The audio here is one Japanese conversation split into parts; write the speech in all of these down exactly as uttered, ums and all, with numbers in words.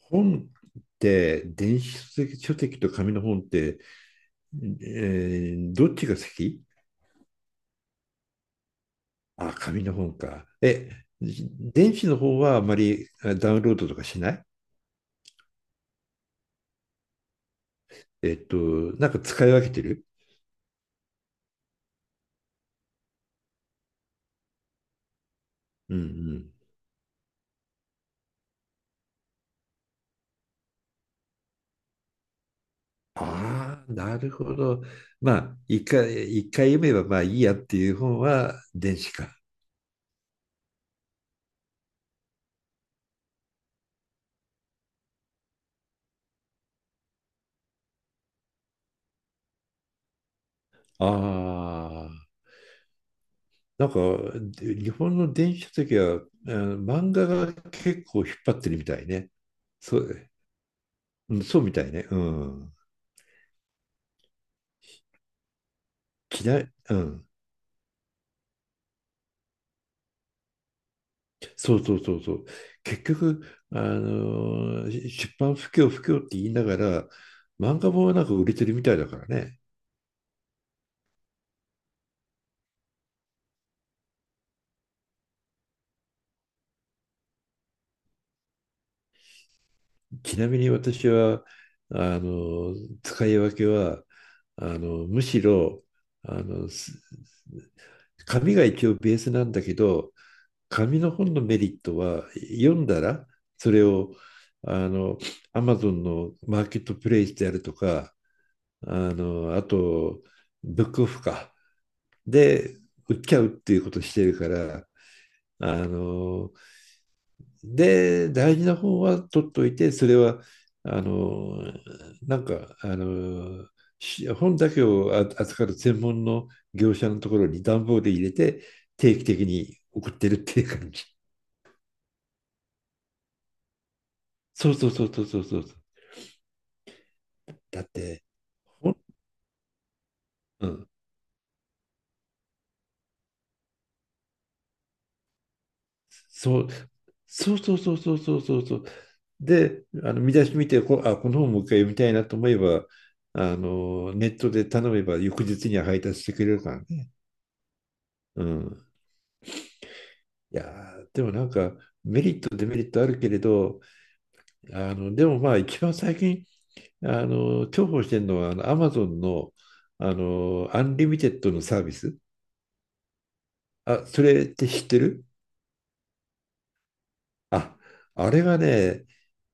本って電子書籍書籍と紙の本って、えーどっちが先？あ、紙の本か。え、電子の方はあまりあダウンロードとかしない。えっと、なんか使い分けてる？うんうん。ああ、なるほど。まあ、一回、一回読めばまあいいやっていう本は電子か。ああ、なんか、で日本の電子書籍は、あの漫画が結構引っ張ってるみたいね。そう、うん、そうみたいね。うん。嫌い、うん。そうそうそうそう。結局、あのーし出版不況不況って言いながら、漫画もなんか売れてるみたいだからね。ちなみに私は、あのー使い分けは、あのーむしろ、あのーす紙が一応ベースなんだけど、紙の本のメリットは、読んだら、それを、あの、Amazon のマーケットプレイスであるとか、あの、あと、ブックオフか。で、売っちゃうっていうことをしてるから、あの、で、大事な本は取っといて、それは、あの、なんか、あの、し本だけをあ扱う専門の業者のところに段ボールで入れて、定期的に送ってるっていう感じ。そうそうそうそうそうそう。だって、ほんうんそう、そうそうそうそうそうそうそう。で、あの見出し見てこ、あ、この本もう一回読みたいなと思えば、あの、ネットで頼めば翌日には配達してくれるからね。うん。いやー、でもなんかメリット、デメリットあるけれど、あの、でもまあ一番最近、あの、重宝してるのは、あの、アマゾンの、あの、アンリミテッドのサービス。あ、それって知ってる？あ、あれがね、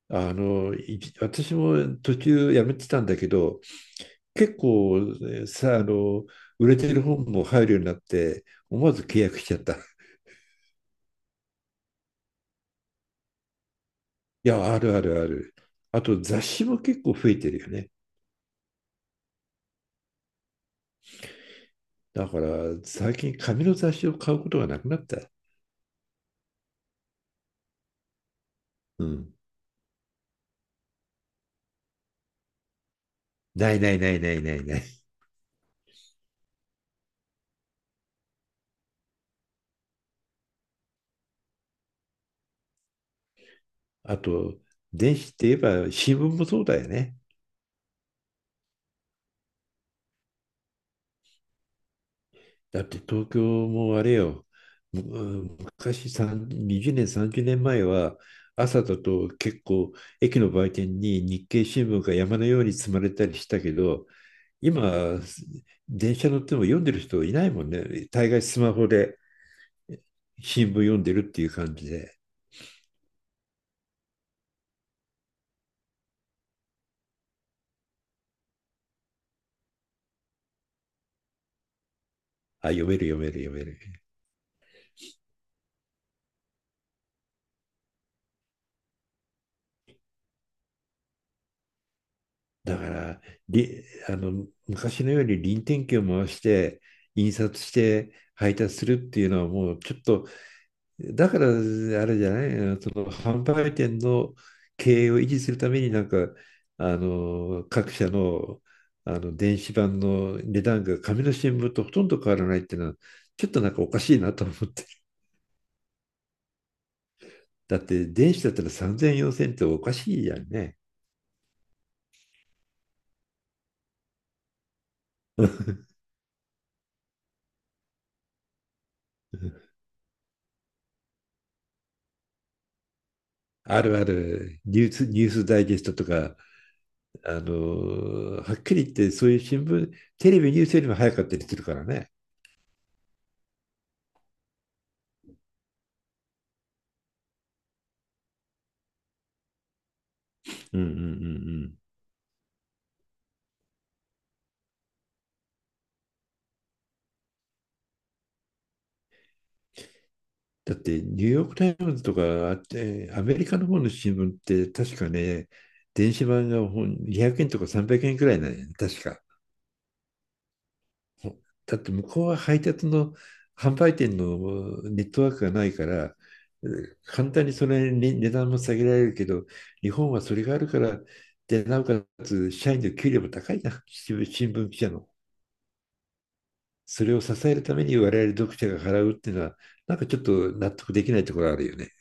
あの、い私も途中やめてたんだけど、結構ねさ、あの、売れてる本も入るようになって、思わず契約しちゃった。いや、あるあるある。あと雑誌も結構増えてるよね。だから最近紙の雑誌を買うことがなくなった。うん。ないないないないないない。あと、電子って言えば新聞もそうだよね。だって東京もあれよ、む昔さん にじゅうねん、さんじゅうねんまえは朝だと結構駅の売店に日経新聞が山のように積まれたりしたけど、今、電車乗っても読んでる人いないもんね。大概スマホで新聞読んでるっていう感じで、あ、読める読める読める。だから、りあの昔のように臨転機を回して、印刷して配達するっていうのはもうちょっと。だから、あれじゃない、あのその販売店の経営を維持するために、なんか、あの、各社の、あの、電子版の値段が紙の新聞とほとんど変わらないっていうのは、ちょっとなんかおかしいなと思って。だって、電子だったら三千四千っておかしいじゃんね。あるある、ニュース、ニュースダイジェストとか、あの、はっきり言って、そういう新聞、テレビニュースよりも早かったりするからね。うんうんうんうん。だってニューヨーク・タイムズとか、あってアメリカの方の新聞って確かね、電子版がほにひゃくえんとかさんびゃくえんくえんくらいなんやね、確か。だって向こうは配達の販売店のネットワークがないから、簡単にそれにね値段も下げられるけど、日本はそれがあるから、で、なおかつ社員の給料も高いな、新聞記者の。それを支えるために我々読者が払うっていうのは、なんかちょっと納得できないところあるよね。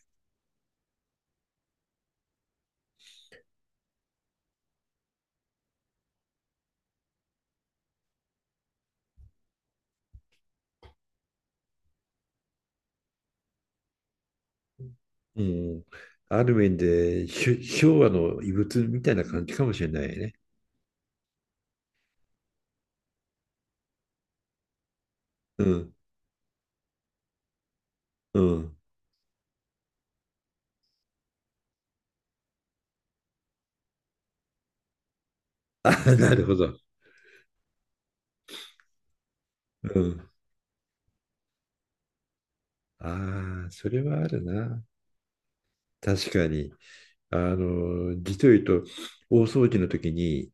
うん。ある面で、し昭和の遺物みたいな感じかもしれないね。うん。うん。なるほど。うん。ああ、それはあるな。確かに。あの、実を言うと、大掃除の時に、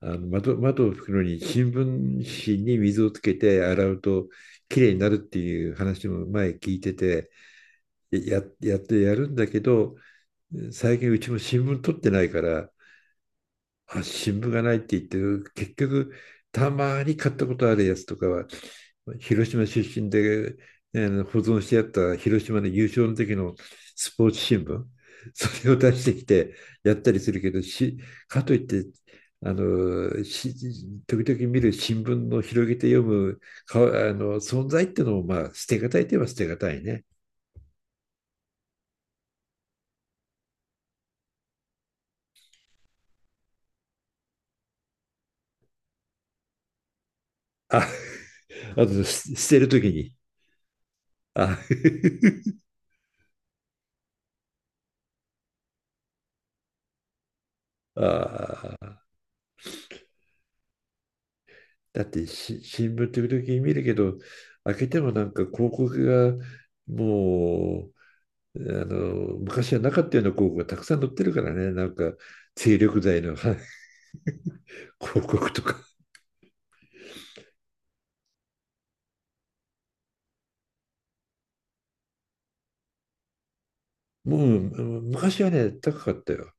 あの窓、窓を拭くのに新聞紙に水をつけて洗うときれいになるっていう話も前聞いてて、や、やってやるんだけど、最近うちも新聞取ってないから、新聞がないって言ってる、結局、たまに買ったことあるやつとかは、広島出身で、ね保存してあった広島の優勝の時のスポーツ新聞、それを出してきてやったりするけど、しかといって、あのし時々見る新聞の広げて読むかあの存在っていうのも、まあ、捨てがたいといえば捨てがたいね。あ、あと、捨てる時に。あ。 あ。だってし新聞時々見るけど、開けてもなんか広告がもう、あの、昔はなかったような広告がたくさん載ってるからね、なんか、精力剤の 広告とか。もう昔はね、高かったよ。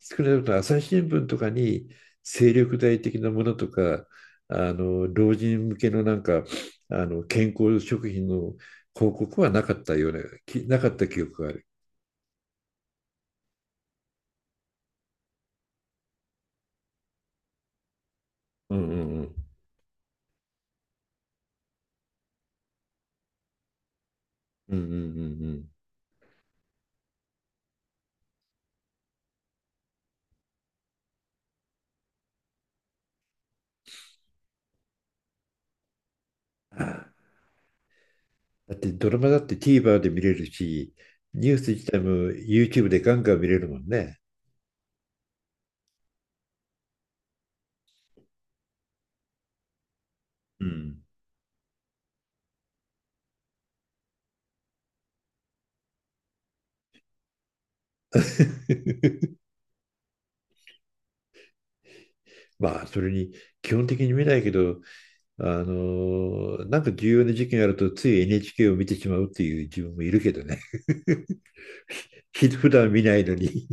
少なくとも朝日新聞とかに精力剤的なものとか、あの、老人向けのなんか、あの、健康食品の広告はなかったような、きなかった記憶がある。うんうんうん。うんうんうんうん。だってドラマだって TVer で見れるし、ニュース自体も YouTube でガンガン見れるもんね。うん。まあ、それに基本的に見ないけど、あのーなんか重要な事件あるとつい エヌエイチケー を見てしまうっていう自分もいるけどね。ひ普段見ないのに。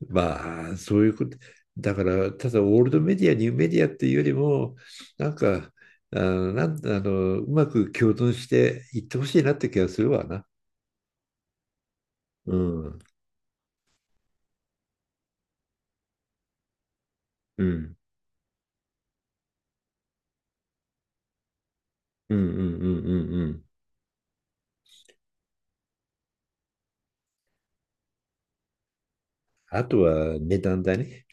まあ、そういうこと。だから、ただオールドメディア、ニューメディアっていうよりも、なんか、あの、なん、あの、うまく共存していってほしいなって気がするわな。うん。うんうんうんうんうんうん。あとは値段だね。